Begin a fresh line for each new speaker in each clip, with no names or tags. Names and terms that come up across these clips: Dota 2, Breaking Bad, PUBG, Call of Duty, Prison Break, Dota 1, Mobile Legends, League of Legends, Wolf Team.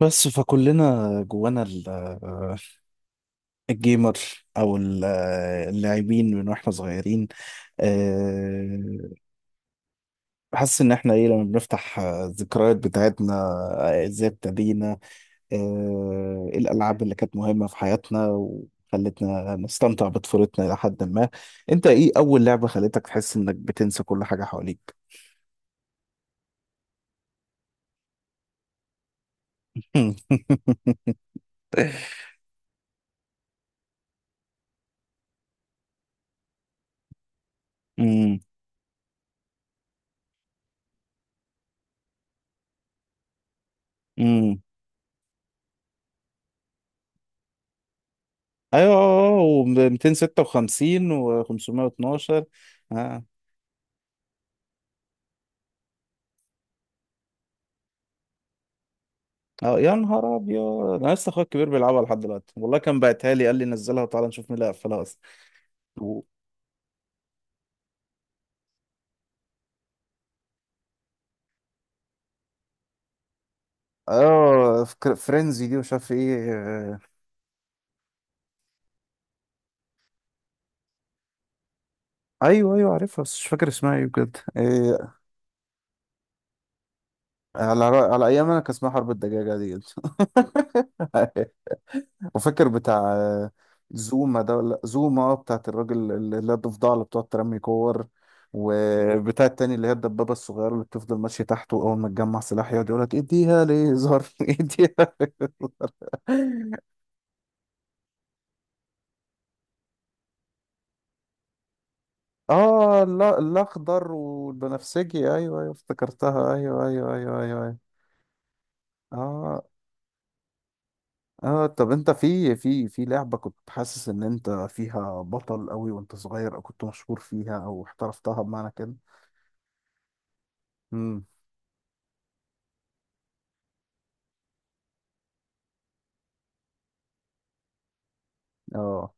بس فكلنا جوانا الجيمر او اللاعبين من واحنا صغيرين، آه، حاسس ان احنا ايه لما بنفتح الذكريات بتاعتنا، ازاي ابتدينا، الالعاب اللي كانت مهمه في حياتنا وخلتنا نستمتع بطفولتنا الى حد ما. انت ايه اول لعبه خلتك تحس انك بتنسى كل حاجه حواليك؟ امم. ايوه، اه، و256 و512. اه. اه، يا نهار ابيض. انا لسه اخويا الكبير بيلعبها لحد دلوقتي والله، كان باعتها لي، قال لي نزلها وتعالى نشوف مين اللي قفلها اصلا. و- اه، فرينزي دي مش عارف ايه. ايوه ايوه، عارفها بس مش فاكر اسمها ايه بجد. إيه؟ على ايام انا كان اسمها حرب الدجاجه دي. وفاكر بتاع زوما ده، ولا زوما، بتاعت الراجل اللي هي الضفدعة اللي بتقعد ترمي كور. وبتاع التاني اللي هي الدبابة الصغيرة اللي بتفضل ماشية تحته، أول ما تجمع سلاح يقعد يقولك اديها ليزر اديها. اه، لا، الأخضر والبنفسجي، أيوه أيوه افتكرتها أيوه أيوه أيوه أيوه، أيوه. اه. اه، طب انت في لعبة كنت حاسس ان انت فيها بطل قوي وانت صغير، او كنت مشهور فيها او احترفتها بمعنى كده؟ امم. اه.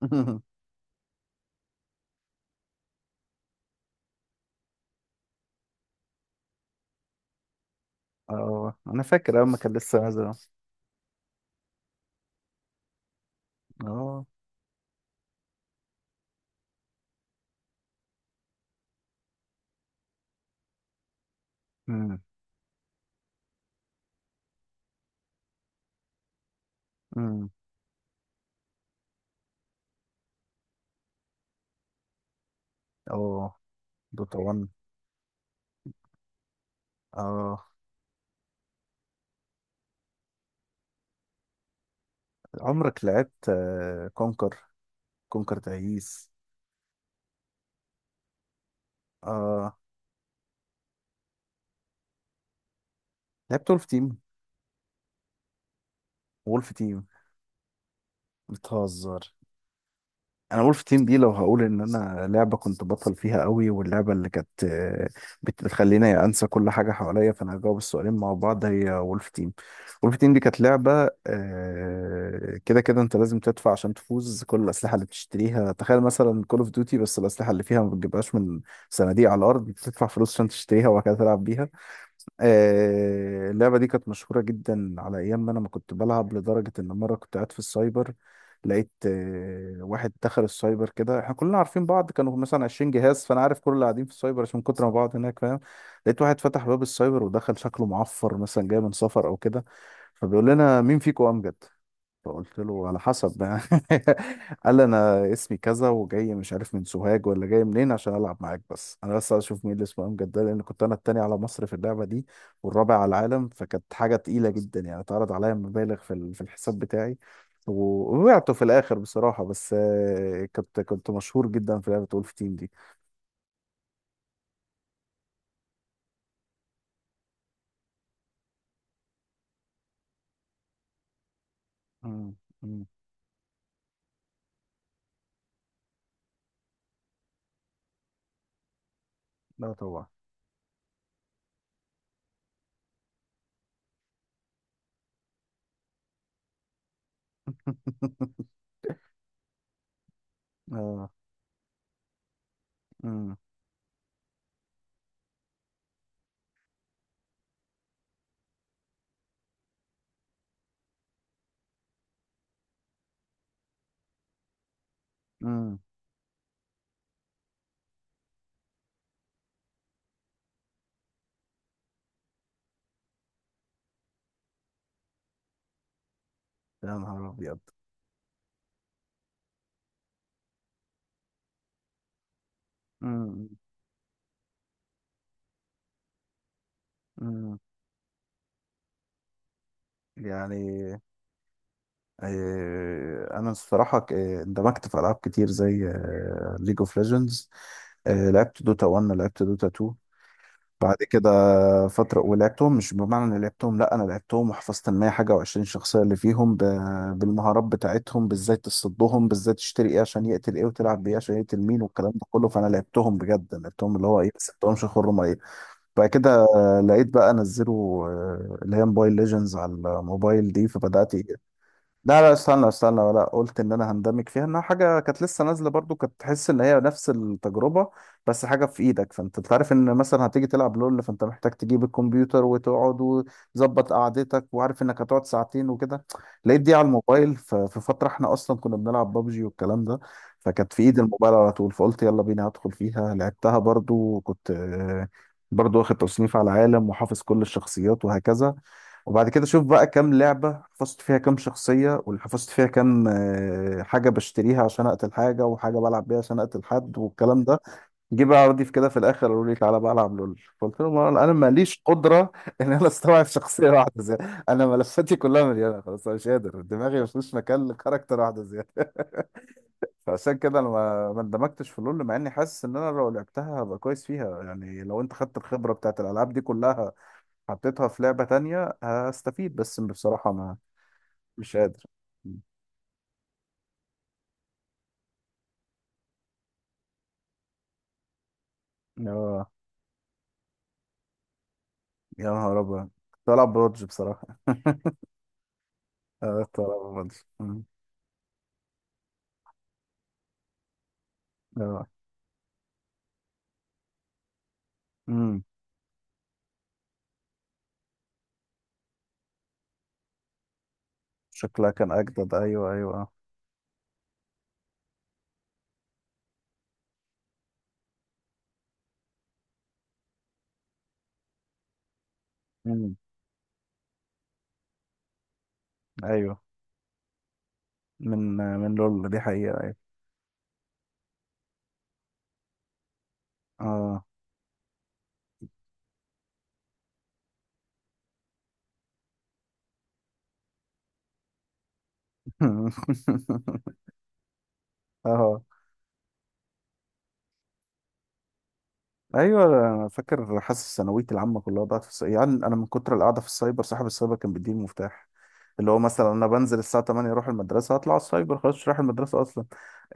اه. انا فاكر اول ما كان لسه نازل. اه. امم. امم. اه. دوتا 1. اه. عمرك لعبت كونكر؟ كونكر تعيس. اه، لعبت وولف تيم. وولف تيم. بتهزر. انا وولف تيم دي لو هقول ان انا لعبه كنت بطل فيها قوي، واللعبه اللي كانت بتخليني انسى كل حاجه حواليا، فانا هجاوب السؤالين مع بعض، هي وولف تيم. وولف تيم دي كانت لعبه، كده كده انت لازم تدفع عشان تفوز. كل الاسلحه اللي بتشتريها، تخيل مثلا كول اوف ديوتي، بس الاسلحه اللي فيها ما بتجيبهاش من صناديق على الارض، بتدفع فلوس عشان تشتريها وبعد كده تلعب بيها. اللعبة دي كانت مشهورة جدا على أيام ما أنا ما كنت بلعب، لدرجة إن مرة كنت قاعد في السايبر، لقيت واحد دخل السايبر. كده احنا كلنا عارفين بعض، كانوا مثلا 20 جهاز، فأنا عارف كل اللي قاعدين في السايبر عشان من كتر ما بعض هناك، فاهم. لقيت واحد فتح باب السايبر ودخل، شكله معفر مثلا جاي من سفر أو كده. فبيقول لنا: مين فيكم أمجد؟ فقلت له: على حسب. قال لي: انا اسمي كذا وجاي مش عارف من سوهاج ولا جاي منين عشان العب معاك، بس انا بس عايز اشوف مين اللي اسمه امجد ده، لان كنت انا التاني على مصر في اللعبه دي والرابع على العالم. فكانت حاجه تقيله جدا يعني. اتعرض عليا مبالغ في في الحساب بتاعي. ووقعته في الاخر بصراحه، بس كنت مشهور جدا في لعبه وولف تيم دي. مم. مم. لا طبعا. اه. مم. مم. يا نهار ابيض. مم. مم. يعني. انا الصراحه، اندمجت في العاب كتير زي ليج اوف ليجندز. لعبت دوتا 1، لعبت دوتا 2. بعد كده فتره، ولعبتهم مش بمعنى اني لعبتهم، لا، انا لعبتهم وحفظت ال 100 حاجه و20 شخصيه اللي فيهم بالمهارات بتاعتهم، بازاي تصدهم، بازاي تشتري ايه عشان يقتل ايه، وتلعب بيه عشان يقتل مين والكلام ده كله. فانا لعبتهم بجد، لعبتهم اللي هو ايه، بس لعبتهمش خرم ايه. بعد كده لقيت بقى انزله، اللي هي موبايل ليجندز على الموبايل دي. فبدات إيه؟ لا لا، استنى استنى، ولا قلت ان انا هندمج فيها، انها حاجه كانت لسه نازله برضو، كانت تحس ان هي نفس التجربه بس حاجه في ايدك. فانت تعرف ان مثلا هتيجي تلعب لول، فانت محتاج تجيب الكمبيوتر وتقعد وتظبط قعدتك، وعارف انك هتقعد ساعتين وكده. لقيت دي على الموبايل. ففي فتره احنا اصلا كنا بنلعب بابجي والكلام ده، فكانت في ايد الموبايل على طول. فقلت: يلا بينا هدخل فيها، لعبتها برضو، وكنت برضو واخد تصنيف على العالم وحافظ كل الشخصيات وهكذا. وبعد كده شوف بقى كام لعبة حفظت فيها كام شخصية، واللي حفظت فيها كام حاجة بشتريها عشان أقتل حاجة، وحاجة بلعب بيها عشان أقتل حد والكلام ده. جه بقى عرضي في كده في الآخر، قالوا لي: تعالى بقى ألعب لول. فقلت لهم: أنا ماليش قدرة إن أنا أستوعب شخصية واحدة زيادة. أنا ملفاتي كلها مليانة خلاص، أنا مش قادر، دماغي مفيش مكان لكاركتر واحدة زيادة. فعشان كده أنا ما اندمجتش في لول، مع إني حاسس إن أنا لو لعبتها هبقى كويس فيها. يعني لو أنت خدت الخبرة بتاعت الألعاب دي كلها حطيتها في لعبة تانية هستفيد، بس بصراحة، ما، مش قادر. اه، يا نهار ابيض. طلع بودج بصراحة. اه، طلع بودج. مم. اه. امم. شكلها كان اجدد، ايوه ايوه. امم. ايوه. من لول دي حقيقة، ايوه. اه. اه. ايوه انا فاكر. حاسس ثانويتي العامه كلها ضاعت في يعني، انا من كتر القعده في السايبر، صاحب السايبر كان بيديني المفتاح، اللي هو مثلا انا بنزل الساعه 8 اروح المدرسه، اطلع على السايبر خلاص مش رايح المدرسه اصلا.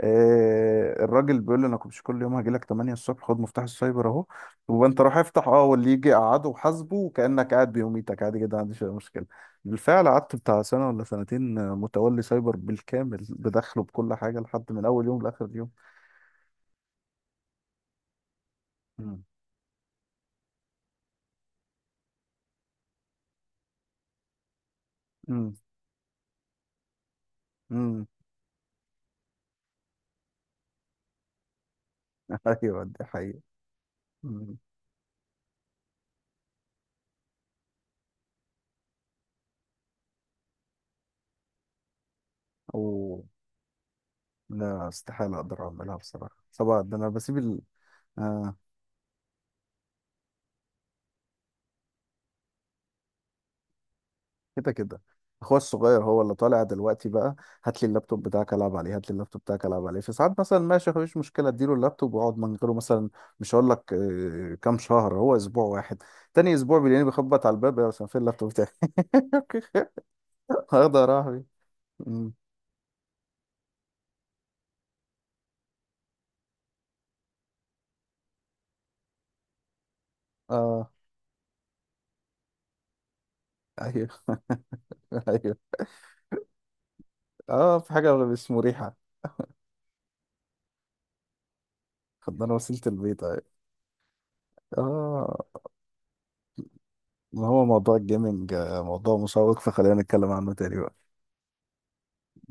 الراجل بيقول لي: انا كنت كل يوم هاجي لك 8 الصبح، خد مفتاح السايبر اهو، وانت روح افتح. اه، واللي يجي قعده وحاسبه، وكانك قاعد بيوميتك عادي جدا، ما عنديش اي مشكله. بالفعل قعدت بتاع سنه ولا سنتين متولي سايبر بالكامل، بدخله بكل حاجه، لحد من اول يوم لاخر يوم. امم. امم. ايوه دي حقيقة. مم. أوه. لا، استحالة أقدر أعملها بصراحة. طبعا ده أنا بسيب آه، كده كده، أخويا الصغير هو اللي طالع دلوقتي بقى. هات لي اللابتوب بتاعك ألعب عليه، هات لي اللابتوب بتاعك ألعب عليه في ساعات مثلا، ماشي مفيش مشكلة، أديله اللابتوب وأقعد من غيره مثلا. مش هقول لك كام شهر، هو أسبوع واحد، تاني أسبوع بيلاقيني بخبط على الباب: يا، عشان فين اللابتوب بتاعي؟ هاخده أروح بيه. مم. آه. أيوه. أيوه. آه، في حاجة مش مريحة. خدنا وسيلة البيت أهي. اه، ما هو موضوع الجيمنج موضوع مشوق، فخلينا نتكلم عنه تاني بقى.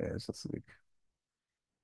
ماشي يا صديقي.